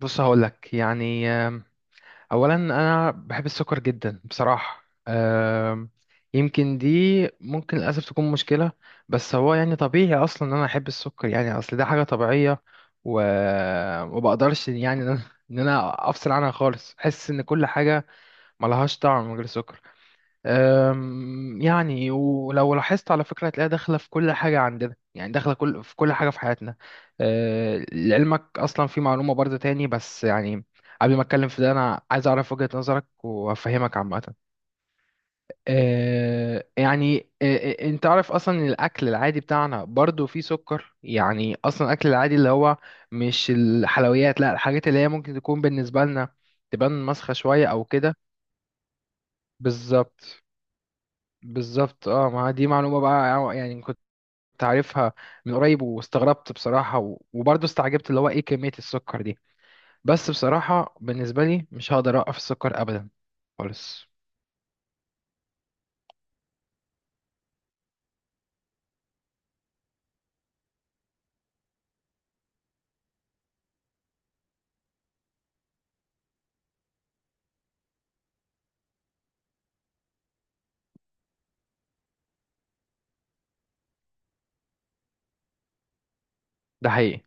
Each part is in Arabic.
بص، هقولك يعني اولا انا بحب السكر جدا بصراحه. يمكن دي ممكن للاسف تكون مشكله. بس هو يعني طبيعي اصلا ان انا احب السكر، يعني اصل ده حاجه طبيعيه. و وما بقدرش، يعني ان انا إن أنا افصل عنها خالص. احس ان كل حاجه ملهاش طعم من غير سكر. يعني ولو لاحظت، على فكرة، هتلاقيها داخلة في كل حاجة عندنا، يعني داخلة في كل حاجة في حياتنا. لعلمك أصلا في معلومة برضه تاني، بس يعني قبل ما أتكلم في ده أنا عايز أعرف وجهة نظرك وأفهمك عامة. أه، يعني أه، أه، أنت عارف أصلا إن الأكل العادي بتاعنا برضه فيه سكر، يعني أصلا الأكل العادي اللي هو مش الحلويات، لا الحاجات اللي هي ممكن تكون بالنسبة لنا تبان مسخة شوية أو كده. بالظبط، بالظبط. اه، ما دي معلومة بقى، يعني كنت عارفها من قريب واستغربت بصراحة، وبرضه استعجبت اللي هو ايه كمية السكر دي. بس بصراحة بالنسبة لي مش هقدر اوقف السكر ابدا، خالص. ده حقيقي.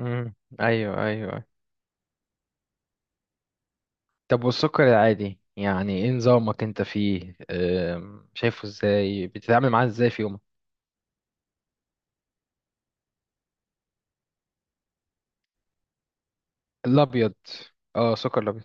امم. ايوه، ايوه. طب، والسكر العادي يعني ايه نظامك انت فيه، شايفه ازاي، بتتعامل معاه ازاي في يومك؟ الابيض. اه، سكر الابيض.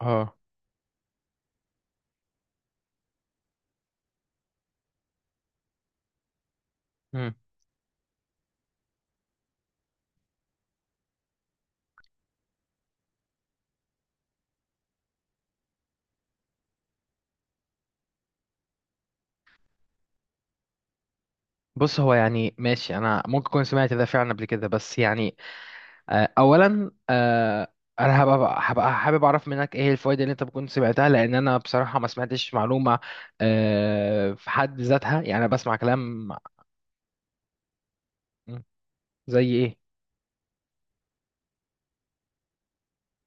اه. مم. بص، هو يعني ماشي، انا ممكن اكون سمعت ده فعلا قبل كده، بس يعني اولا انا هبقى حابب اعرف منك ايه الفوائد اللي انت كنت سمعتها، لان انا بصراحه ما سمعتش معلومه في حد ذاتها. يعني انا بسمع كلام. مم. زي ايه؟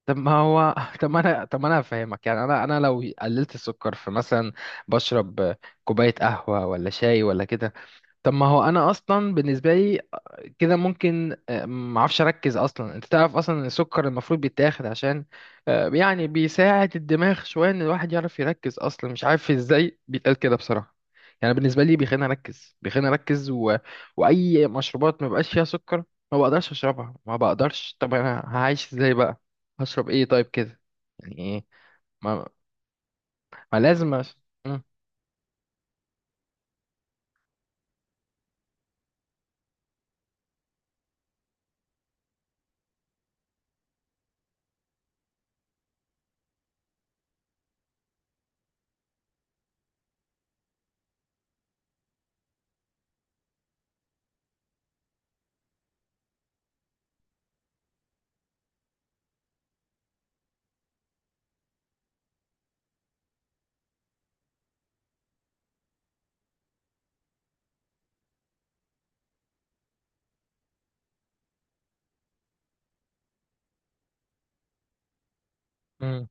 طب ما هو طب ما انا هفهمك. يعني انا لو قللت السكر في مثلا بشرب كوبايه قهوه ولا شاي ولا كده. طب ما هو انا اصلا بالنسبه لي كده ممكن ما اعرفش اركز اصلا. انت تعرف اصلا ان السكر المفروض بيتاخد عشان يعني بيساعد الدماغ شويه، ان الواحد يعرف يركز اصلا، مش عارف ازاي بيتقال كده بصراحه. يعني بالنسبه لي بيخليني اركز، بيخليني اركز، واي مشروبات ما بقاش فيها سكر ما بقدرش اشربها، ما بقدرش. طب انا هعيش ازاي بقى؟ هشرب ايه طيب كده؟ يعني ايه؟ ما, ما لازم مم. مم.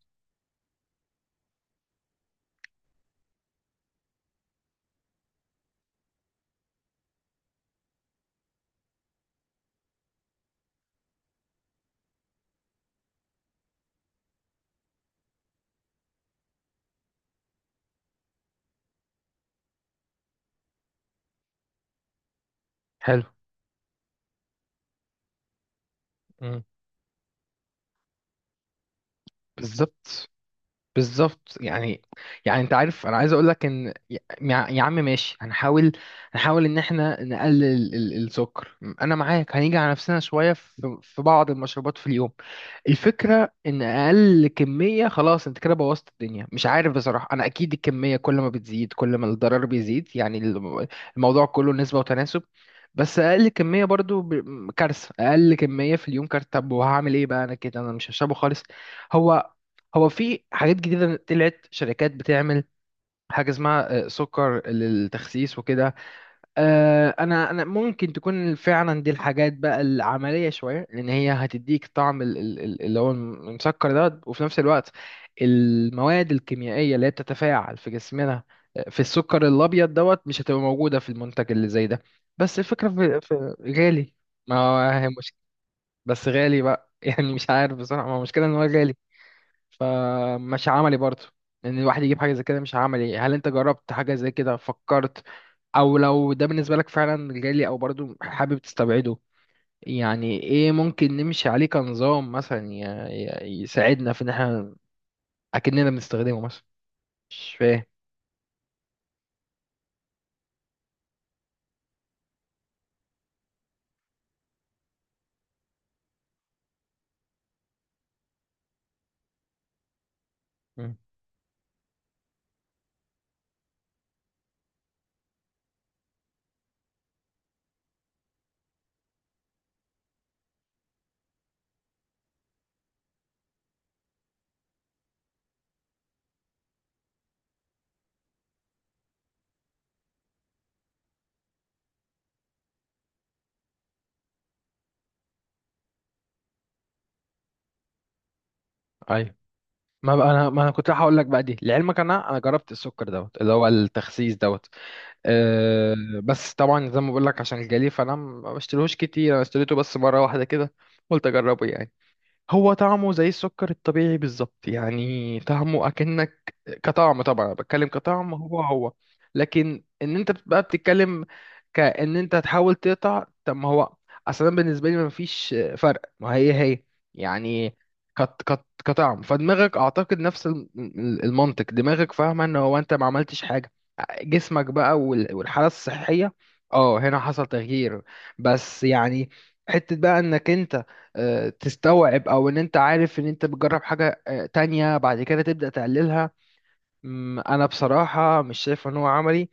حلو. مم. بالظبط، بالظبط. يعني، يعني انت عارف، انا عايز اقول لك ان يا عم، ماشي، هنحاول، ان احنا نقلل السكر. انا معاك، هنيجي على نفسنا شويه في بعض المشروبات في اليوم. الفكره ان اقل كميه، خلاص، انت كده بوظت الدنيا. مش عارف بصراحه، انا اكيد الكميه كل ما بتزيد كل ما الضرر بيزيد، يعني الموضوع كله نسبه وتناسب. بس اقل كميه برضو كارثه، اقل كميه في اليوم كارثه. طب وهعمل ايه بقى انا كده؟ انا مش هشربه خالص. هو هو في حاجات جديدة طلعت شركات بتعمل حاجة اسمها سكر للتخسيس وكده. أنا ممكن تكون فعلا دي الحاجات بقى العملية شوية، لأن هي هتديك طعم اللي هو المسكر ده، وفي نفس الوقت المواد الكيميائية اللي هي بتتفاعل في جسمنا في السكر الأبيض دوت مش هتبقى موجودة في المنتج اللي زي ده. بس الفكرة في غالي. ما هو هي مش بس غالي بقى. يعني مش عارف بصراحة، ما هو مشكلة إن هو غالي، فمش عملي برضه ان الواحد يجيب حاجه زي كده. مش عملي. هل انت جربت حاجه زي كده؟ فكرت؟ او لو ده بالنسبه لك فعلا جالي او برضه حابب تستبعده؟ يعني ايه ممكن نمشي عليه كنظام مثلا يساعدنا في ان احنا اكننا بنستخدمه مثلا؟ مش فاهم. مم. ايوه. ما بقى انا ما انا كنت هقول لك بقى دي، لعلمك انا جربت السكر دوت اللي هو التخسيس دوت. أه. بس طبعا زي ما بقول لك، عشان جالي فانا ما بشتريهوش كتير، انا اشتريته بس مره واحده كده قلت اجربه يعني. هو طعمه زي السكر الطبيعي بالظبط، يعني طعمه اكنك، كطعم، طبعا أنا بتكلم كطعم، هو هو. لكن ان انت بقى بتتكلم كأن انت تحاول تقطع، طب ما هو اصلا بالنسبه لي ما فيش فرق، ما هي هي يعني. كت كت كطعم، فدماغك اعتقد نفس المنطق، دماغك فاهمه ان هو انت ما عملتش حاجه. جسمك بقى والحاله الصحيه، اه هنا حصل تغيير. بس يعني حته بقى انك انت تستوعب، او ان انت عارف ان انت بتجرب حاجة تانية بعد كده تبدأ تقللها. انا بصراحة مش شايف ان هو عملي.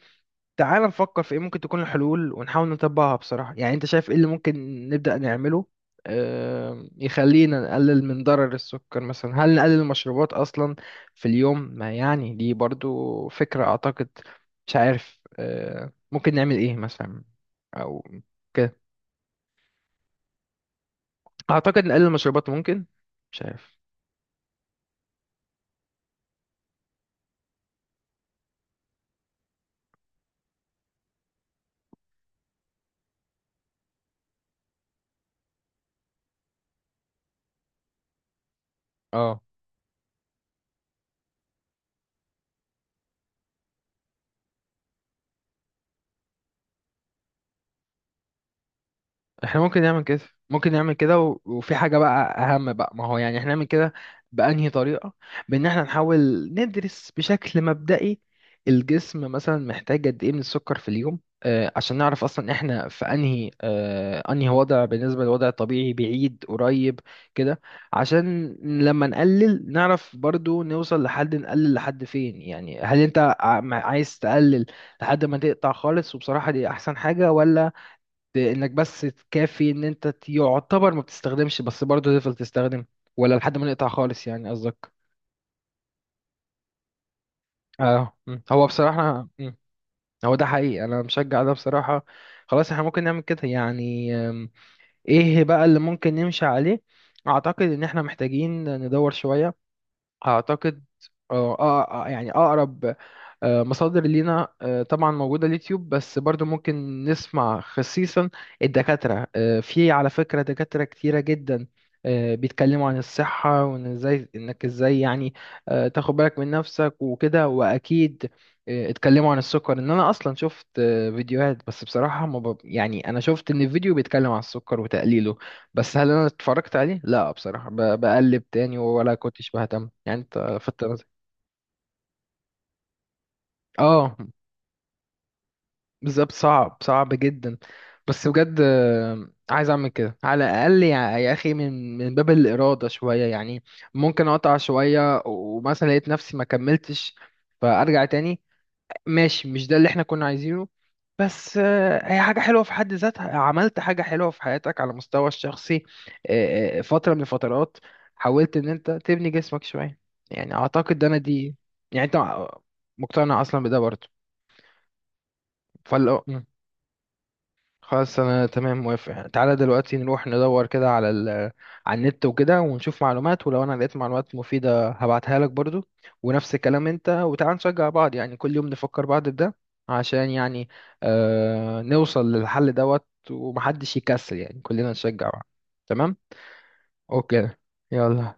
تعال نفكر في ايه ممكن تكون الحلول، ونحاول نطبقها بصراحة. يعني انت شايف ايه اللي ممكن نبدأ نعمله يخلينا نقلل من ضرر السكر؟ مثلا هل نقلل المشروبات اصلا في اليوم؟ ما يعني دي برضو فكرة اعتقد. مش عارف ممكن نعمل ايه مثلا، او كده. اعتقد نقلل المشروبات ممكن. مش عارف. اه. احنا ممكن نعمل كده، ممكن نعمل كده، وفي حاجة بقى أهم بقى، ما هو يعني احنا نعمل كده بأنهي طريقة؟ بإن احنا نحاول ندرس بشكل مبدئي الجسم مثلا محتاج قد إيه من السكر في اليوم، عشان نعرف أصلا احنا في أنهي، أنهي وضع بالنسبة للوضع الطبيعي، بعيد قريب كده، عشان لما نقلل نعرف برضو نوصل لحد، نقلل لحد فين يعني. هل انت عايز تقلل لحد ما تقطع خالص، وبصراحة دي أحسن حاجة، ولا انك بس تكافي ان انت يعتبر ما بتستخدمش بس برضه تفضل تستخدم؟ ولا لحد ما نقطع خالص يعني قصدك. اه. مم. هو بصراحة، مم. هو ده حقيقي، انا مشجع ده بصراحة. خلاص، احنا ممكن نعمل كده يعني. ايه بقى اللي ممكن نمشي عليه؟ اعتقد ان احنا محتاجين ندور شوية. اعتقد. يعني اقرب مصادر لينا، طبعا موجوده اليوتيوب، بس برضو ممكن نسمع خصيصا الدكاتره. في على فكره دكاتره كتيره جدا بيتكلموا عن الصحه، وان ازاي انك ازاي يعني تاخد بالك من نفسك وكده. واكيد اتكلموا عن السكر. ان انا اصلا شفت فيديوهات، بس بصراحه ما ب... يعني انا شفت ان الفيديو بيتكلم عن السكر وتقليله، بس هل انا اتفرجت عليه؟ لا بصراحه، بقلب تاني ولا كنتش بهتم. يعني انت فت. اه، بالظبط، صعب، صعب جدا. بس بجد عايز اعمل كده على الاقل، يا اخي، من باب الاراده شويه يعني. ممكن اقطع شويه، ومثلا لقيت نفسي ما كملتش فارجع تاني، ماشي، مش ده اللي احنا كنا عايزينه، بس هي حاجة حلوة في حد ذاتها، عملت حاجة حلوة في حياتك على المستوى الشخصي فترة من الفترات حاولت ان انت تبني جسمك شوية، يعني اعتقد ده انا دي. يعني انت مقتنع اصلا بده برضه. فلا، خلاص انا تمام، موافق. تعالى دلوقتي نروح ندور كده على على النت وكده ونشوف معلومات، ولو انا لقيت معلومات مفيدة هبعتها لك برضو، ونفس الكلام انت. وتعالى نشجع بعض يعني، كل يوم نفكر بعض بده، عشان يعني نوصل للحل دوت، ومحدش يكسل، يعني كلنا نشجع بعض. تمام، اوكي، يلا.